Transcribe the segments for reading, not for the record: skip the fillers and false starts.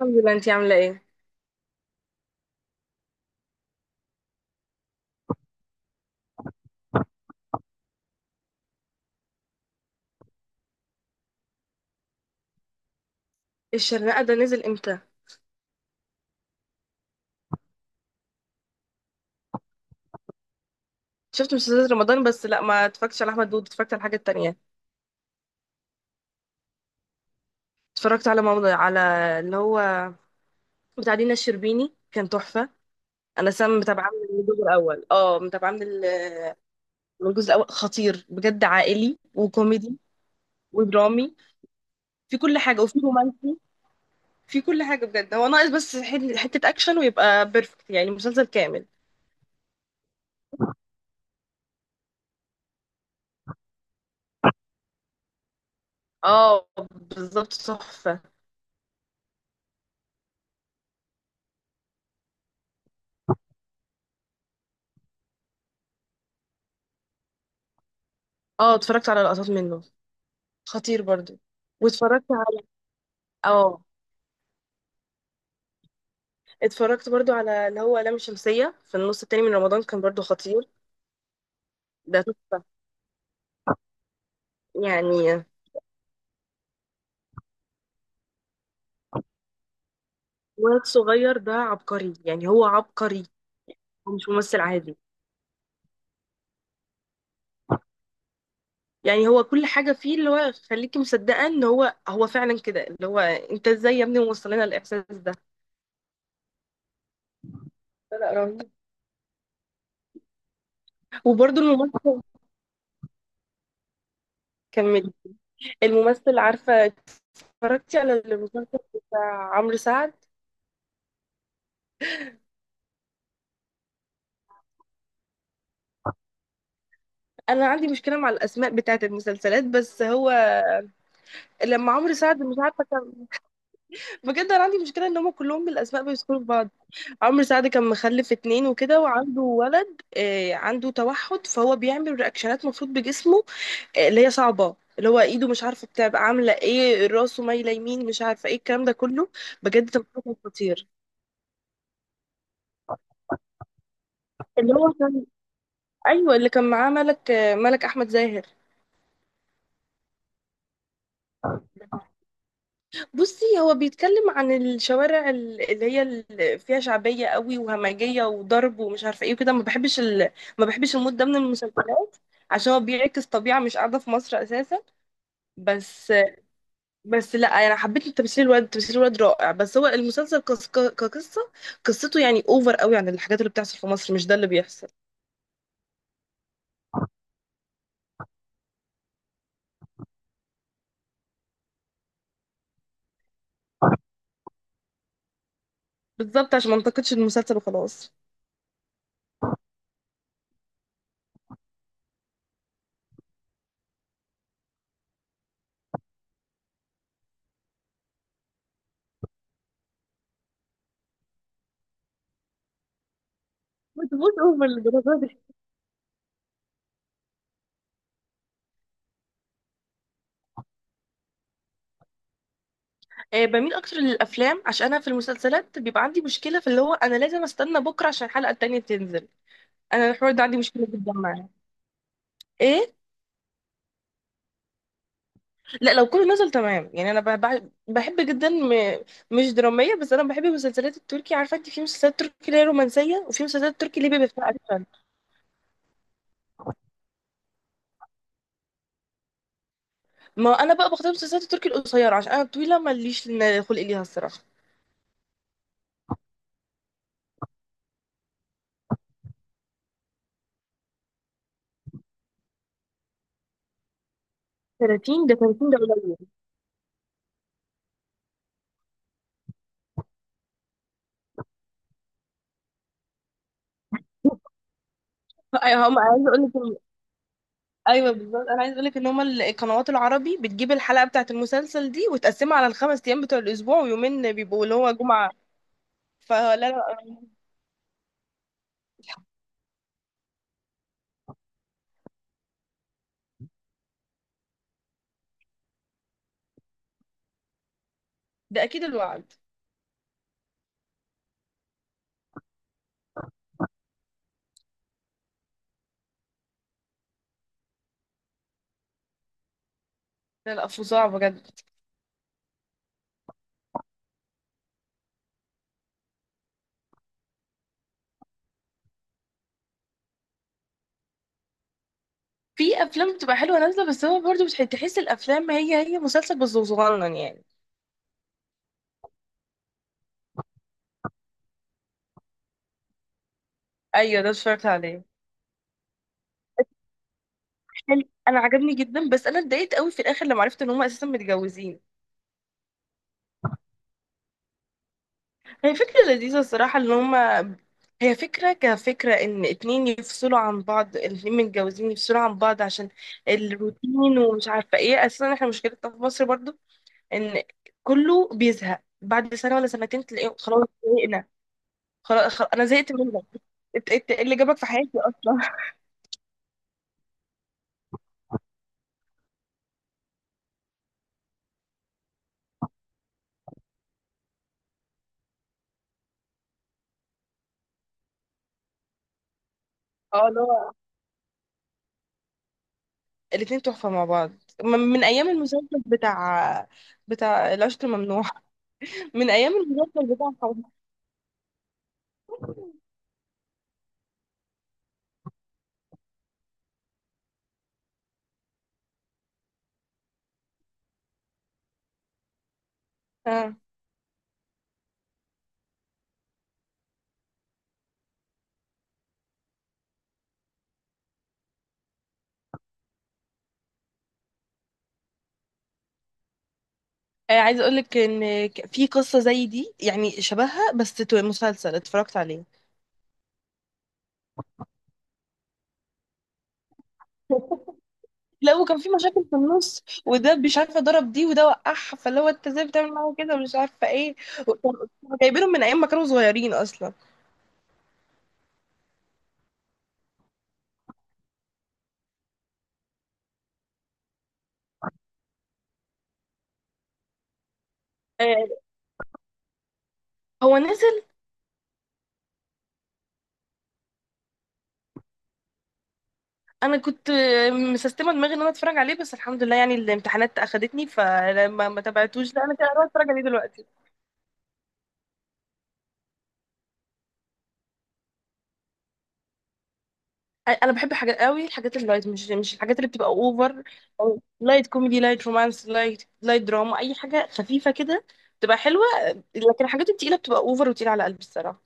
الحمد لله. انتي عامله ايه؟ الشرنقه ده نزل امتى؟ شفت مسلسلات رمضان، بس لا، ما اتفرجتش على احمد داود، اتفرجت على الحاجه التانية. اتفرجت على ماما، على اللي هو بتاع دينا الشربيني كان تحفه. انا سام متابعه من الجزء الاول، اه متابعه من الجزء الاول. خطير بجد، عائلي وكوميدي ودرامي، في كل حاجه، وفي رومانسي، في كل حاجه بجد. هو ناقص بس حته اكشن ويبقى بيرفكت، يعني مسلسل كامل. اه بالظبط، تحفه. اه اتفرجت على لقطات منه، خطير برضو. واتفرجت، اه اتفرجت برضو على اللي هو لام شمسية في النص التاني من رمضان، كان برضو خطير. ده تحفة. يعني واد صغير ده عبقري، يعني هو عبقري، هو مش ممثل عادي. يعني هو كل حاجة فيه اللي هو خليكي مصدقة ان هو فعلا كده، اللي هو انت ازاي يا ابني موصل لنا الاحساس ده. لا، لا، رهيب. وبرضو الممثل، كملي. الممثل، عارفة، اتفرجتي على المسلسل بتاع عمرو سعد؟ انا عندي مشكلة مع الاسماء بتاعت المسلسلات، بس هو لما عمرو سعد مش عارفة، بجد انا عندي مشكله ان هم كلهم بالاسماء بيذكروا في بعض. عمرو سعد كان مخلف اتنين وكده، وعنده ولد، عنده توحد، فهو بيعمل رياكشنات مفروض بجسمه، اللي هي صعبه، اللي هو ايده مش عارفه بتبقى عامله ايه، راسه مايله يمين، مش عارفه ايه الكلام ده كله. بجد تمثيله كان خطير. اللي هو كان، ايوه اللي كان معاه ملك، ملك احمد زاهر. بصي هو بيتكلم عن الشوارع اللي هي فيها شعبيه قوي وهمجيه وضرب ومش عارفه ايه وكده. ما بحبش المود ده من المسلسلات، عشان هو بيعكس طبيعة مش قاعدة في مصر أساسا. بس بس لا، أنا حبيت تمثيل الواد، تمثيل الواد رائع، بس هو المسلسل كقصة، قصته يعني أوفر قوي عن الحاجات اللي بتحصل في مصر، مش ده اللي بيحصل. بالظبط، عشان ما انتقدش المسلسل وخلاص. ما تبقوش اوفر للدرجه دي. بميل اكتر للافلام، عشان انا في المسلسلات بيبقى عندي مشكله في اللي هو انا لازم استنى بكره عشان الحلقه التانيه تنزل. انا الحوار ده عندي مشكله جدا معاه. ايه؟ لا، لو كله نزل تمام، يعني انا بحب جدا، مش دراميه، بس انا بحب المسلسلات التركي. عارفه انت في مسلسلات تركي اللي هي رومانسيه، وفي مسلسلات تركي اللي بيبقى فيها اكشن. ما انا بقى بختار المسلسلات التركي القصيره، عشان انا الطويله ماليش خلق ليها الصراحه. 30 ده 30 ده قليل. ايوه هم عايزه اقول لك إن- ايوه بالظبط، انا عايزه اقول لك ان هم القنوات العربي بتجيب الحلقه بتاعه المسلسل دي وتقسمها على الخمس ايام بتوع الاسبوع، ويومين بيبقوا اللي هو جمعه. فلا، لا ده اكيد الوعد. لا، لا فظاع بجد. في افلام بتبقى حلوه نازله، بس هو برضه مش تحس، الافلام هي هي مسلسل بس صغنن يعني. ايوه، ده اتفرجت عليه. حلو، انا عجبني جدا، بس انا اتضايقت قوي في الاخر لما عرفت ان هم اساسا متجوزين. هي فكره لذيذه الصراحه ان هم، هي فكره كفكره ان اتنين يفصلوا عن بعض، الاتنين متجوزين يفصلوا عن بعض عشان الروتين ومش عارفه ايه، اساسا احنا مشكلتنا في مصر برضه ان كله بيزهق بعد سنه ولا سنتين، تلاقيه خلاص زهقنا. انا زهقت منك. إنت إيه اللي جابك في حياتي اصلا. اه اللي هو الاتنين تحفة مع بعض، من أيام المسلسل بتاع، بتاع العشق الممنوع. من أيام المسلسل بتاع حب. آه. عايزة أقولك إن في قصة زي دي يعني شبهها، بس مسلسل اتفرجت عليه. لا، وكان في مشاكل في النص، وده مش عارفة ضرب دي وده وقعها، فاللي هو انت ازاي بتعمل معاه كده، ومش عارفة ايه. كانوا جايبينهم من أيام ما كانوا صغيرين أصلا. آه، هو نزل. انا كنت مسستمه دماغي ان انا اتفرج عليه، بس الحمد لله يعني الامتحانات اخدتني فلما ما تابعتوش، لا، انا كده انا اتفرج عليه دلوقتي. انا بحب حاجات قوي الحاجات اللايت، مش الحاجات اللي بتبقى اوفر، أو لايت كوميدي، لايت رومانس، لايت، لايت دراما، اي حاجه خفيفه كده بتبقى حلوه. لكن الحاجات التقيله بتبقى اوفر وتقيله على قلبي الصراحه.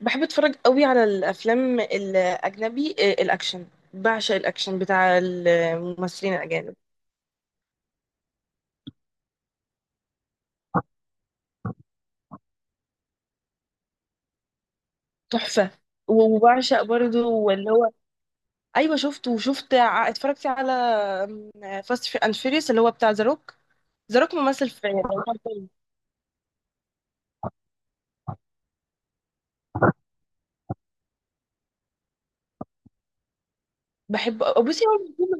بحب اتفرج قوي على الافلام الاجنبي، الاكشن، بعشق الاكشن بتاع الممثلين الاجانب. تحفه. وبعشق برضو اللي هو، ايوه شفته. وشفت، اتفرجت على فاست اند فيريوس، اللي هو بتاع ذا روك. ذا روك ممثل، في، بحبه أوي. بصي هو،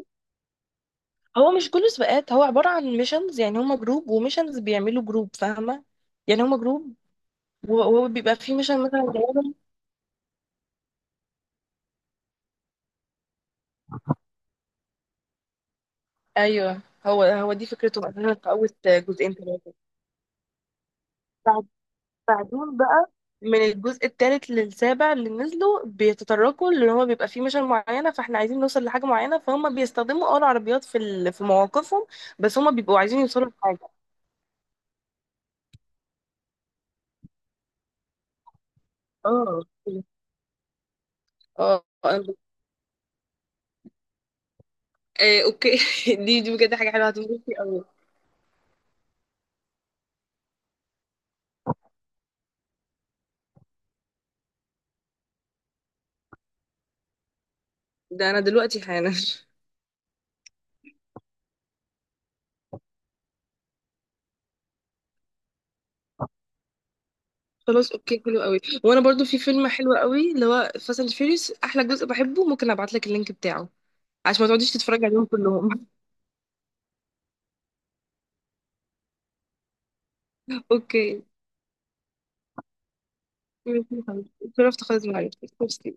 هو مش كله سباقات، هو عباره عن ميشنز، يعني هما جروب وميشنز بيعملوا جروب، فاهمه؟ يعني هما جروب، وهو بيبقى فيه ميشن مثلا جايبهم. ايوه هو دي فكرته، مثلا في اول جزئين ثلاثه. بعدين بقى من الجزء الثالث للسابع اللي نزلوا بيتطرقوا اللي هو بيبقى فيه مشن معينه، فاحنا عايزين نوصل لحاجه معينه فهم بيستخدموا اه العربيات في في مواقفهم، بس هم بيبقوا عايزين يوصلوا لحاجه. اه، اه، اوكي، دي بجد حاجه حلوه هتنبسطي قوي. ده انا دلوقتي حالا. خلاص، اوكي، حلو قوي. وانا برضو في فيلم حلو قوي اللي هو فاست اند فيوريوس احلى جزء بحبه، ممكن ابعت لك اللينك بتاعه عشان ما تقعديش تتفرجي عليهم كلهم. اوكي ماشي يا حبيبتي. اتشرفت خالص معاكي، ميرسي.